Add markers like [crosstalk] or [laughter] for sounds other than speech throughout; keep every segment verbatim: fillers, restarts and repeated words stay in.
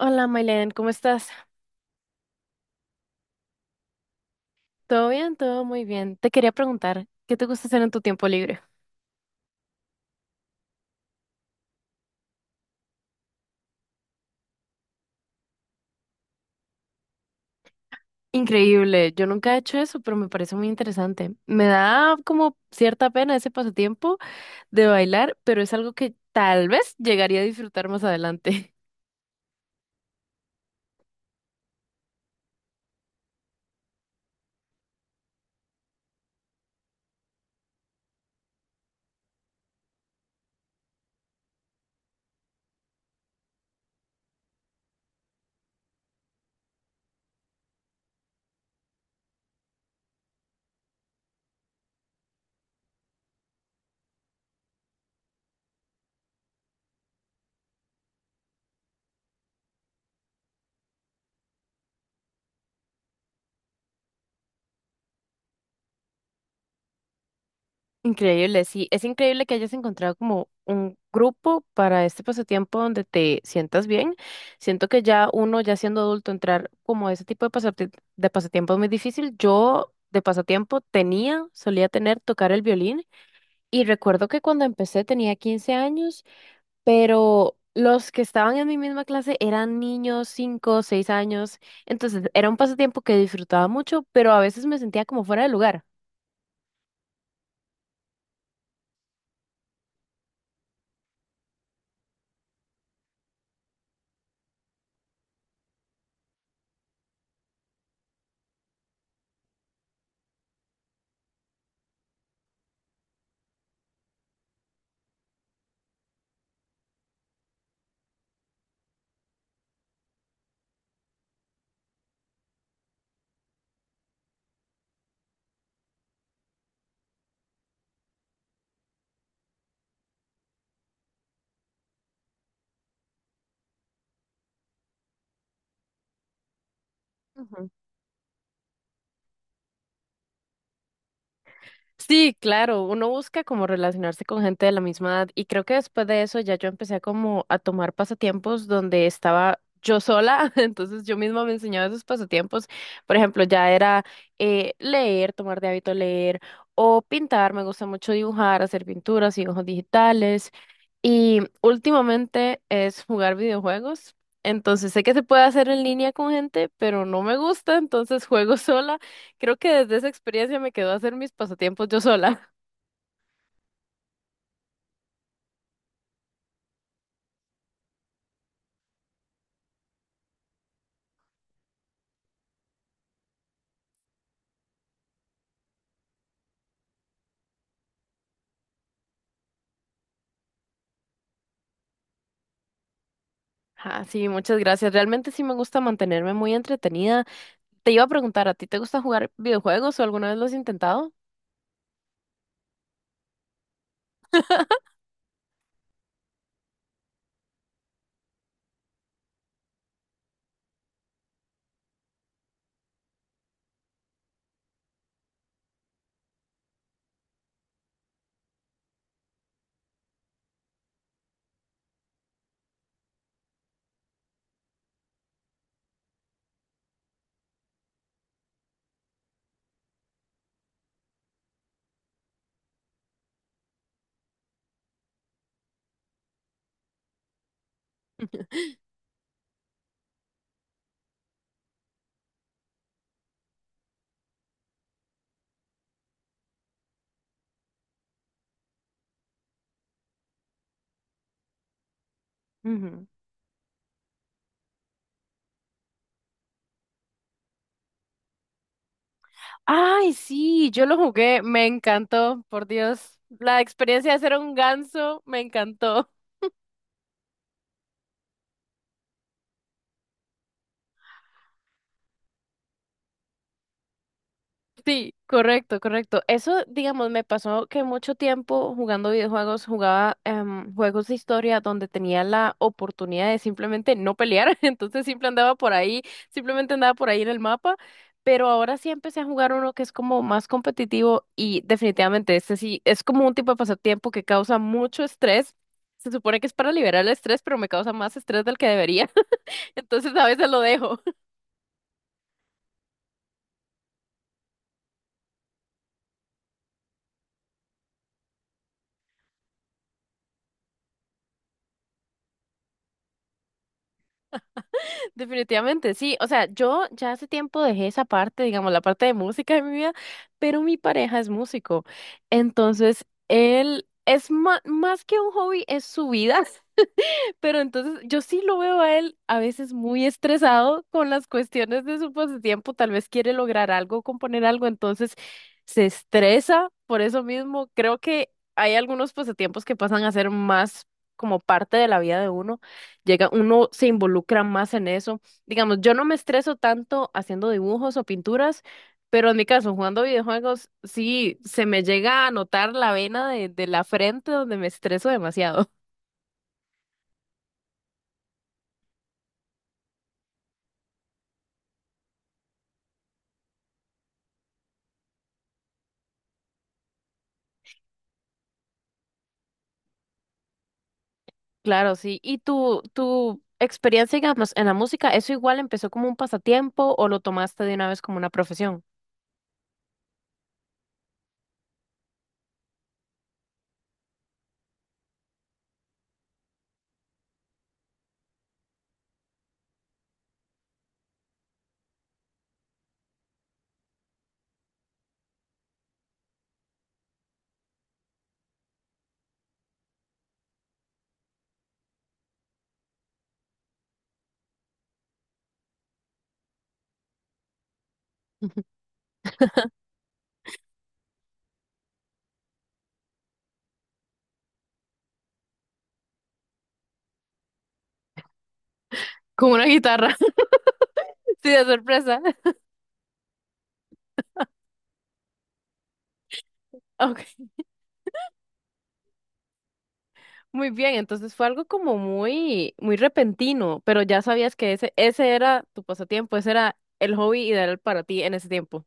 Hola, Mailen, ¿cómo estás? ¿Todo bien? Todo muy bien. Te quería preguntar, ¿qué te gusta hacer en tu tiempo libre? Increíble, yo nunca he hecho eso, pero me parece muy interesante. Me da como cierta pena ese pasatiempo de bailar, pero es algo que tal vez llegaría a disfrutar más adelante. Increíble, sí, es increíble que hayas encontrado como un grupo para este pasatiempo donde te sientas bien. Siento que ya uno, ya siendo adulto, entrar como a ese tipo de pasati- de pasatiempo es muy difícil. Yo de pasatiempo tenía, solía tener tocar el violín y recuerdo que cuando empecé tenía quince años, pero los que estaban en mi misma clase eran niños, cinco seis años, entonces era un pasatiempo que disfrutaba mucho, pero a veces me sentía como fuera de lugar. Sí, claro, uno busca como relacionarse con gente de la misma edad y creo que después de eso ya yo empecé a como a tomar pasatiempos donde estaba yo sola, [laughs] entonces yo misma me enseñaba esos pasatiempos, por ejemplo, ya era eh, leer, tomar de hábito leer o pintar, me gusta mucho dibujar, hacer pinturas, dibujos digitales y últimamente es jugar videojuegos, entonces sé que se puede hacer en línea con gente, pero no me gusta, entonces juego [laughs] sola. Creo que desde esa experiencia me quedó hacer mis pasatiempos yo sola. [laughs] Ah, sí, muchas gracias. Realmente sí me gusta mantenerme muy entretenida. Te iba a preguntar, ¿a ti te gusta jugar videojuegos o alguna vez lo has intentado? Ujú. Ay, sí, yo lo jugué, me encantó, por Dios. La experiencia de ser un ganso me encantó. Sí, correcto, correcto. Eso, digamos, me pasó que mucho tiempo jugando videojuegos, jugaba em, juegos de historia donde tenía la oportunidad de simplemente no pelear, [laughs] entonces siempre andaba por ahí, simplemente andaba por ahí en el mapa, pero ahora sí empecé a jugar uno que es como más competitivo y definitivamente este sí es como un tipo de pasatiempo que causa mucho estrés. Se supone que es para liberar el estrés, pero me causa más estrés del que debería, [laughs] entonces a veces lo dejo. Definitivamente, sí. O sea, yo ya hace tiempo dejé esa parte, digamos, la parte de música de mi vida, pero mi pareja es músico. Entonces, él es ma- más que un hobby, es su vida. Pero entonces yo sí lo veo a él a veces muy estresado con las cuestiones de su pasatiempo, tal vez quiere lograr algo, componer algo, entonces se estresa por eso mismo. Creo que hay algunos pasatiempos que pasan a ser más como parte de la vida de uno. Llega, uno se involucra más en eso. Digamos, yo no me estreso tanto haciendo dibujos o pinturas. Pero en mi caso, jugando videojuegos, sí, se me llega a notar la vena de, de la frente donde me estreso demasiado. Claro, sí. ¿Y tu, tu experiencia, digamos, en la música, eso igual empezó como un pasatiempo o lo tomaste de una vez como una profesión? [laughs] Como una guitarra. [laughs] Sí, de sorpresa. [laughs] Ok, muy bien. Entonces fue algo como muy, muy repentino, pero ya sabías que ese, ese era tu pasatiempo, ese era el hobby ideal para ti en ese tiempo.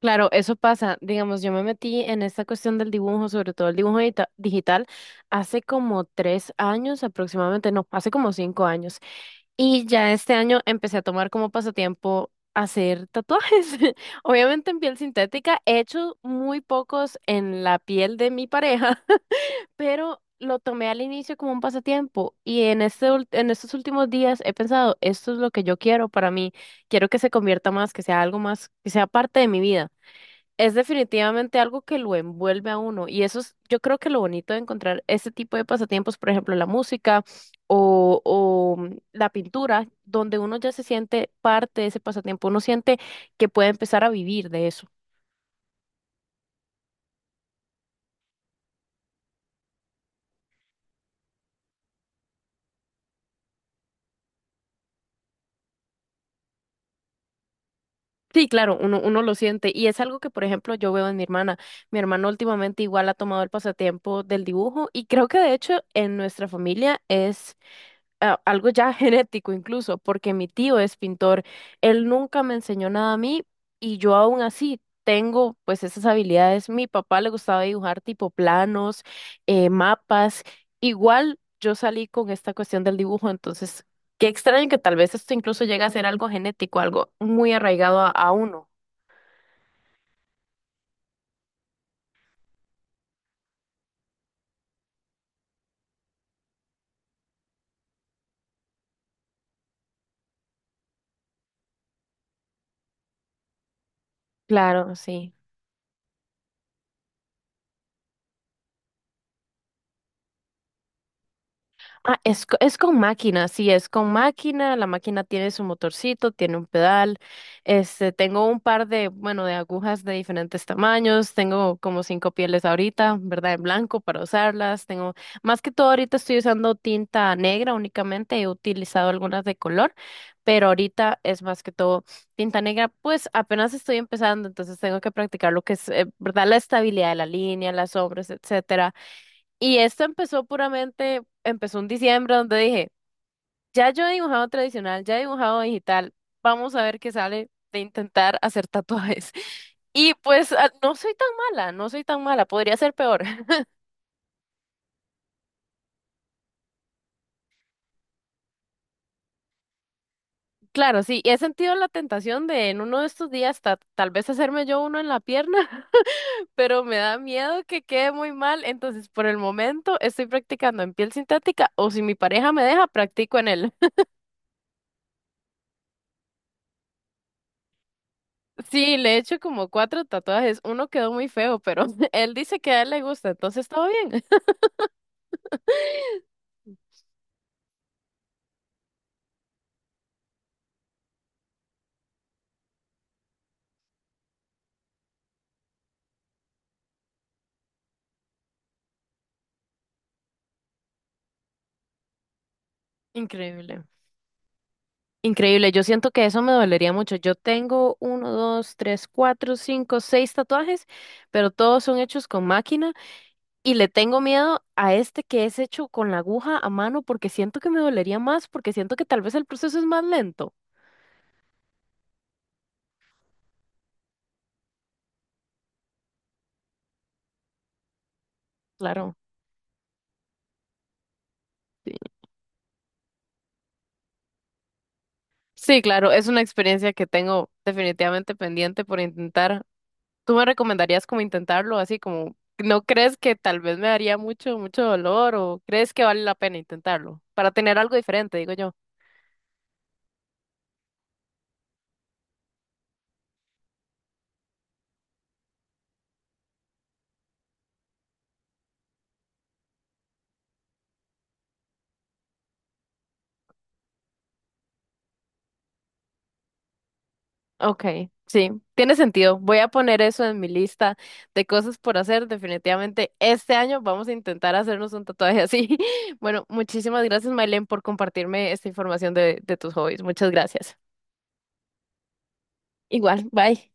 Claro, eso pasa. Digamos, yo me metí en esta cuestión del dibujo, sobre todo el dibujo dita- digital, hace como tres años aproximadamente, no, hace como cinco años. Y ya este año empecé a tomar como pasatiempo hacer tatuajes. [laughs] Obviamente en piel sintética, he hecho muy pocos en la piel de mi pareja, [laughs] pero lo tomé al inicio como un pasatiempo y en este, ul- en estos últimos días he pensado, esto es lo que yo quiero para mí, quiero que se convierta más, que sea algo más, que sea parte de mi vida. Es definitivamente algo que lo envuelve a uno y eso es, yo creo que lo bonito de encontrar este tipo de pasatiempos, por ejemplo, la música o, o mm, la pintura, donde uno ya se siente parte de ese pasatiempo, uno siente que puede empezar a vivir de eso. Sí, claro, uno, uno lo siente y es algo que, por ejemplo, yo veo en mi hermana. Mi hermana últimamente igual ha tomado el pasatiempo del dibujo y creo que de hecho en nuestra familia es a- algo ya [laughs] genético incluso, porque mi tío es pintor. Él nunca me enseñó nada a mí y yo aún así tengo pues esas habilidades. Mi papá le gustaba dibujar tipo planos, eh, mapas. Igual yo salí con esta cuestión del dibujo, entonces qué extraño que tal vez esto incluso llegue a ser algo genético, algo muy arraigado a, a uno. Claro, sí. Ah, es, co- es con máquina, sí, es con máquina. La máquina tiene su motorcito, tiene un pedal. Este, tengo un par de, bueno, de agujas de diferentes tamaños. Tengo como cinco pieles ahorita, ¿verdad? En blanco para usarlas. Tengo, más que todo ahorita estoy usando tinta negra únicamente. He utilizado algunas de color, pero ahorita es más que todo tinta negra. Pues apenas estoy empezando, entonces tengo que practicar lo que es, eh, ¿verdad? La estabilidad de la línea, las sombras, etcétera y esto empezó puramente, empezó en diciembre donde dije, ya yo he dibujado tradicional, ya he dibujado digital, vamos a ver qué sale de intentar hacer tatuajes. [laughs] Y pues ah, no soy tan mala, no soy tan mala, podría ser peor. [laughs] Claro, sí, he sentido la tentación de en uno de estos días ta- tal vez hacerme yo uno en la pierna, [laughs] pero me da miedo que quede muy mal, entonces por el momento estoy practicando en piel sintética o si mi pareja me deja, practico en él. Sí, le he hecho como cuatro tatuajes. Uno quedó muy feo, pero [laughs] él dice que a él le gusta, entonces todo bien. [laughs] Increíble. Increíble, yo siento que eso me dolería mucho. Yo tengo uno, dos, tres, cuatro, cinco, seis tatuajes, pero todos son hechos con máquina. Y le tengo miedo a este que es hecho con la aguja a mano porque siento que me dolería más, porque siento que tal vez el proceso es más lento. Claro. Sí, sí, claro, es una experiencia que tengo definitivamente pendiente por intentar. ¿Tú me recomendarías como intentarlo así como, no crees que tal vez me daría mucho, mucho dolor o crees que vale la pena intentarlo para tener algo diferente, digo yo? Okay, sí, tiene sentido. Voy a poner eso en mi lista de cosas por hacer. Definitivamente este año vamos a intentar hacernos un tatuaje así. [laughs] Bueno, muchísimas gracias, Mailen, por compartirme esta información de, de tus hobbies. Muchas gracias. Igual, bye.